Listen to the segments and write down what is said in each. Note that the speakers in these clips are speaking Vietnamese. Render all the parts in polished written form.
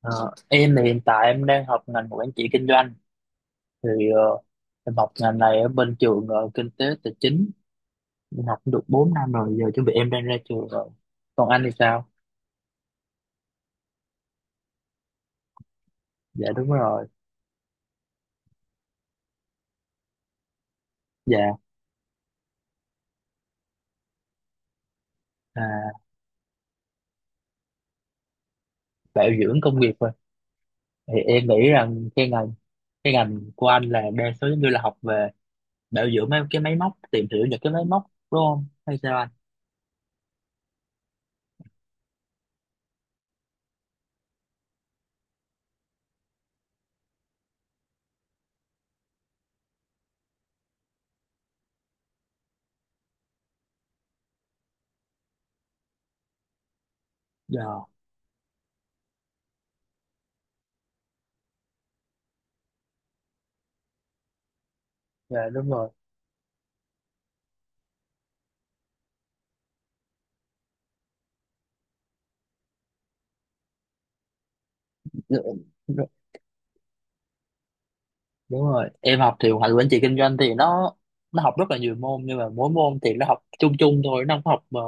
Ờ, em thì hiện tại em đang học ngành quản trị kinh doanh thì ờ, em học ngành này ở bên trường kinh tế tài chính. Em học cũng được 4 năm rồi, giờ chuẩn bị em đang ra trường rồi. Còn anh thì sao? Dạ đúng rồi. Dạ. À, bảo dưỡng công nghiệp rồi thì em nghĩ rằng cái ngành của anh là đa số giống như là học về bảo dưỡng mấy cái máy móc, tìm hiểu những cái máy móc, đúng không hay sao anh? Dạ. Dạ đúng rồi. Đúng rồi, em học thì hoạch quản trị kinh doanh thì nó học rất là nhiều môn, nhưng mà mỗi môn thì nó học chung chung thôi, nó không học mà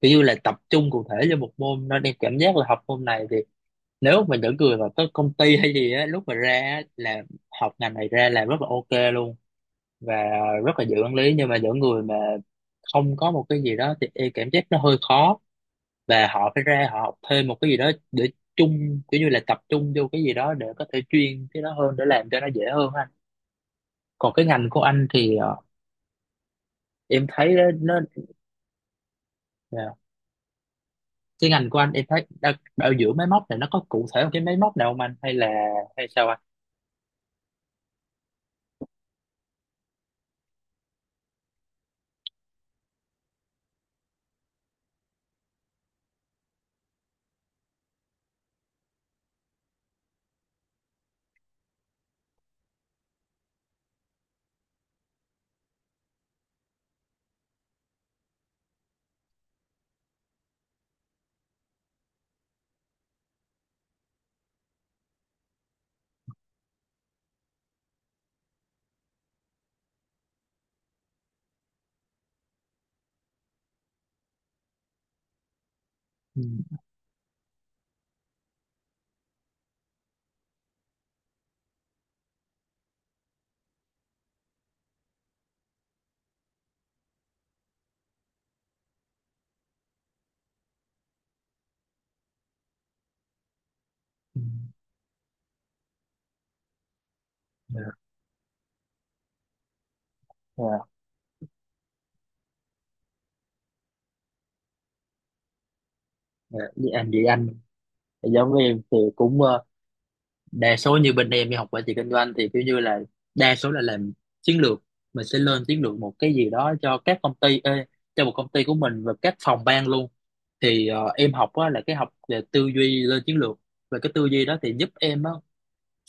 kiểu như là tập trung cụ thể cho một môn, nên em cảm giác là học môn này thì nếu mà những người mà có công ty hay gì á, lúc mà ra á, là học ngành này ra làm rất là ok luôn, và rất là dễ quản lý. Nhưng mà những người mà không có một cái gì đó thì em cảm giác nó hơi khó, và họ phải ra họ học thêm một cái gì đó để chung, kiểu như là tập trung vô cái gì đó để có thể chuyên cái đó hơn để làm cho nó dễ hơn ha. Còn cái ngành của anh thì em thấy nó. Dạ. Cái ngành của anh em thấy bảo dưỡng máy móc này, nó có cụ thể một cái máy móc nào không anh, hay là hay sao anh? Ừ. Ừ. Dạ. Dạ. Dạ. Với anh vậy anh, giống với em thì cũng đa số như bên em đi học quản trị kinh doanh thì kiểu như là đa số là làm chiến lược, mình sẽ lên chiến lược một cái gì đó cho các công ty, cho một công ty của mình và các phòng ban luôn. Thì em học á, là cái học về tư duy lên chiến lược, và cái tư duy đó thì giúp em á,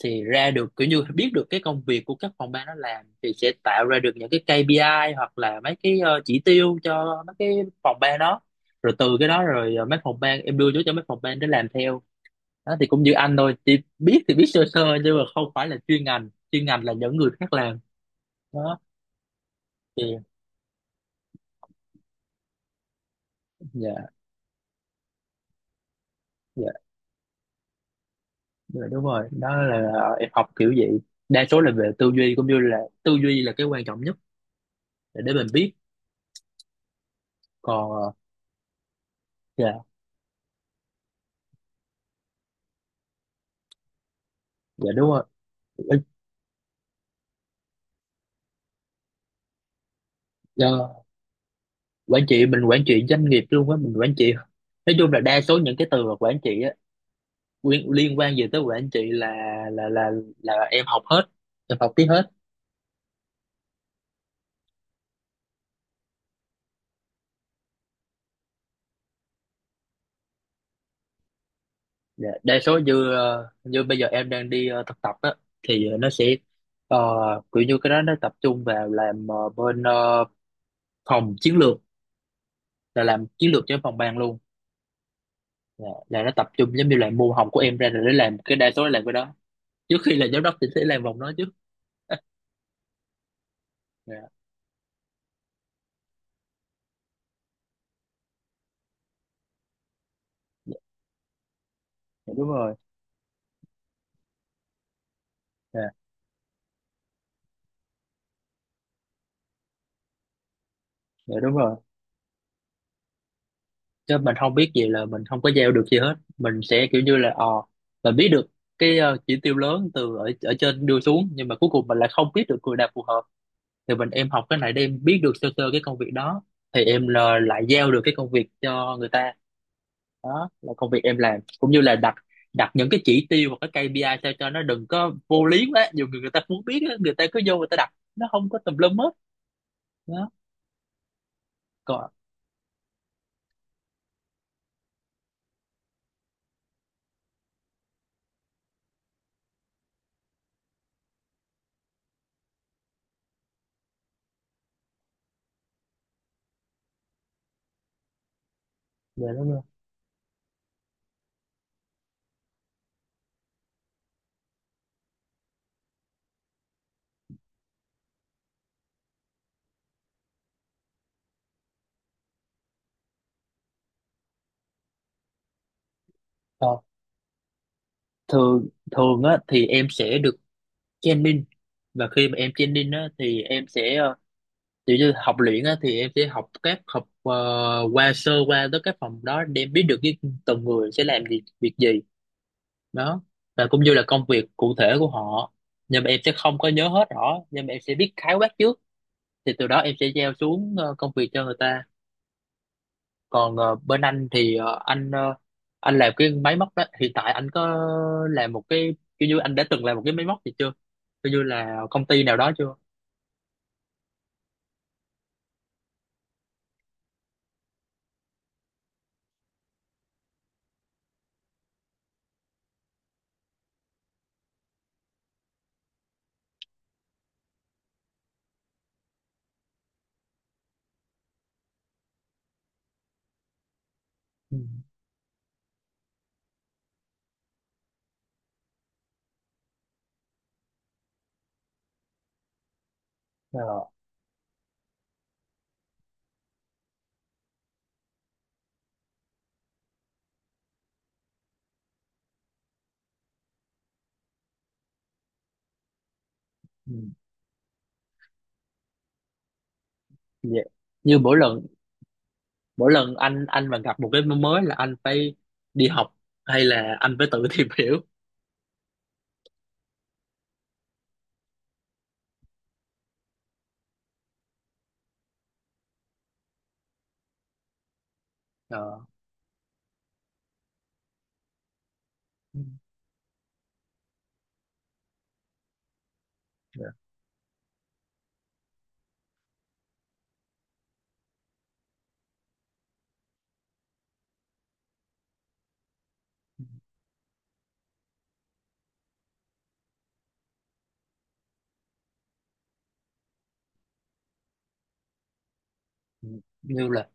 thì ra được kiểu như biết được cái công việc của các phòng ban nó làm, thì sẽ tạo ra được những cái KPI hoặc là mấy cái chỉ tiêu cho mấy cái phòng ban đó, rồi từ cái đó rồi mấy phòng ban em đưa vô cho mấy phòng ban để làm theo. Đó thì cũng như anh thôi, chỉ biết thì biết sơ sơ nhưng mà không phải là chuyên ngành, chuyên ngành là những người khác làm đó. Thì dạ. Dạ. Dạ, đúng rồi. Đó là em học kiểu vậy, đa số là về tư duy, cũng như là tư duy là cái quan trọng nhất để mình biết. Còn ờ. Dạ. Dạ đúng rồi. Ờ. Dạ. Quản trị, mình quản trị doanh nghiệp luôn á, mình quản trị, nói chung là đa số những cái từ mà quản trị á, liên quan gì tới quản trị là là là em học hết, em học tiếp hết. Dạ, đa số như như bây giờ em đang đi thực tập á, thì nó sẽ ờ, kiểu như cái đó nó tập trung vào làm bên phòng chiến lược, là làm chiến lược cho phòng ban luôn. Dạ, là nó tập trung giống như là môn học của em ra rồi để làm cái đa số là làm cái đó, trước khi là giám đốc thì sẽ làm vòng đó trước. Dạ. Dạ. Dạ, đúng rồi. Dạ. Dạ đúng rồi. Chứ mình không biết gì là mình không có gieo được gì hết, mình sẽ kiểu như là ờ mình biết được cái chỉ tiêu lớn từ ở ở trên đưa xuống, nhưng mà cuối cùng mình lại không biết được người nào phù hợp, thì em học cái này để em biết được sơ sơ cái công việc đó, thì em là lại giao được cái công việc cho người ta. Đó là công việc em làm, cũng như là đặt đặt những cái chỉ tiêu và cái KPI sao cho nó đừng có vô lý quá, dù người người ta muốn biết á, người ta cứ vô, người ta đặt nó không có tùm lum hết đó. Còn về đó nữa. Ờ, thường thường á thì em sẽ được training, và khi mà em training á thì em sẽ kiểu như học luyện á, thì em sẽ học các học qua sơ qua tới các phòng đó để em biết được cái từng người sẽ làm gì việc gì đó, và cũng như là công việc cụ thể của họ, nhưng mà em sẽ không có nhớ hết rõ, nhưng mà em sẽ biết khái quát trước. Thì từ đó em sẽ giao xuống công việc cho người ta. Còn bên anh thì anh làm cái máy móc đó, hiện tại anh có làm một cái, kiểu như anh đã từng làm một cái máy móc gì chưa, kiểu như là công ty nào đó chưa? Ừ. Ờ. Ừ. Dạ. Như mỗi lần anh mà gặp một cái mới là anh phải đi học hay là anh phải tự tìm hiểu? Ờ. Ừ. Dạ. Ừ. Như là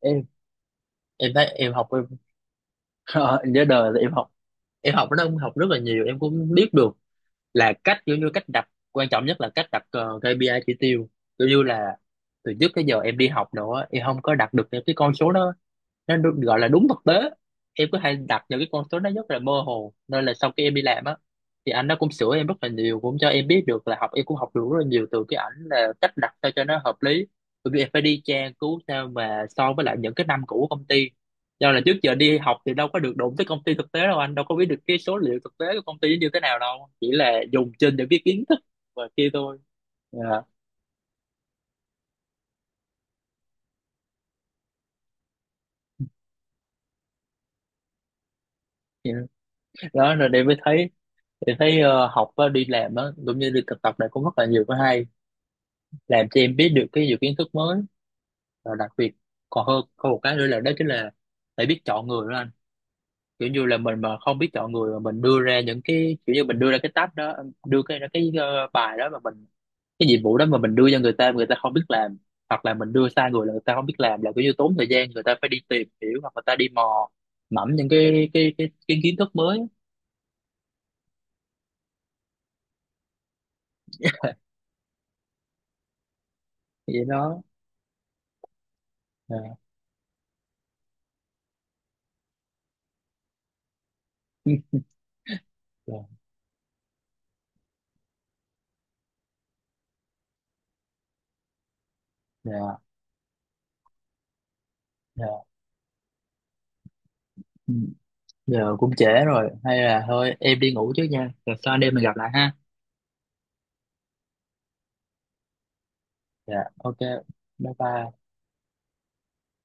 em em thấy em học em ờ, nhớ đời là em học nó học rất là nhiều. Em cũng biết được là cách, kiểu như cách đặt quan trọng nhất là cách đặt KPI chỉ tiêu, kiểu như là từ trước tới giờ em đi học nữa em không có đặt được những cái con số đó, nó được gọi là đúng thực tế. Em cứ hay đặt những cái con số nó rất là mơ hồ, nên là sau khi em đi làm á, thì anh nó cũng sửa em rất là nhiều, cũng cho em biết được là học em cũng học được rất là nhiều từ cái ảnh là cách đặt sao cho nó hợp lý. Bởi vì em phải đi tra cứu sao mà so với lại những cái năm cũ của công ty, do là trước giờ đi học thì đâu có được đụng tới công ty thực tế đâu, anh đâu có biết được cái số liệu thực tế của công ty như thế nào đâu, chỉ là dùng trên những cái kiến thức và kia thôi. Dạ. Dạ. Đó rồi để mới thấy, để thấy học á, đi làm á cũng như đi thực tập này, cũng rất là nhiều cái hay, làm cho em biết được cái nhiều kiến thức mới. Và đặc biệt còn hơn có một cái nữa là đó chính là phải biết chọn người đó anh, kiểu như là mình mà không biết chọn người, mà mình đưa ra những cái, kiểu như mình đưa ra cái tab đó, đưa cái bài đó mà mình, cái nhiệm vụ đó mà mình đưa cho người ta mà người ta không biết làm, hoặc là mình đưa sai người là người ta không biết làm, là kiểu như tốn thời gian, người ta phải đi tìm hiểu hoặc người ta đi mò mẫm những cái kiến thức mới. Vậy đó. Dạ. Dạ. Dạ. Dạ. Ừ, giờ cũng trễ rồi, hay là thôi em đi ngủ trước nha, rồi sau anh em mình gặp lại ha. Dạ. Ok. Bye bye.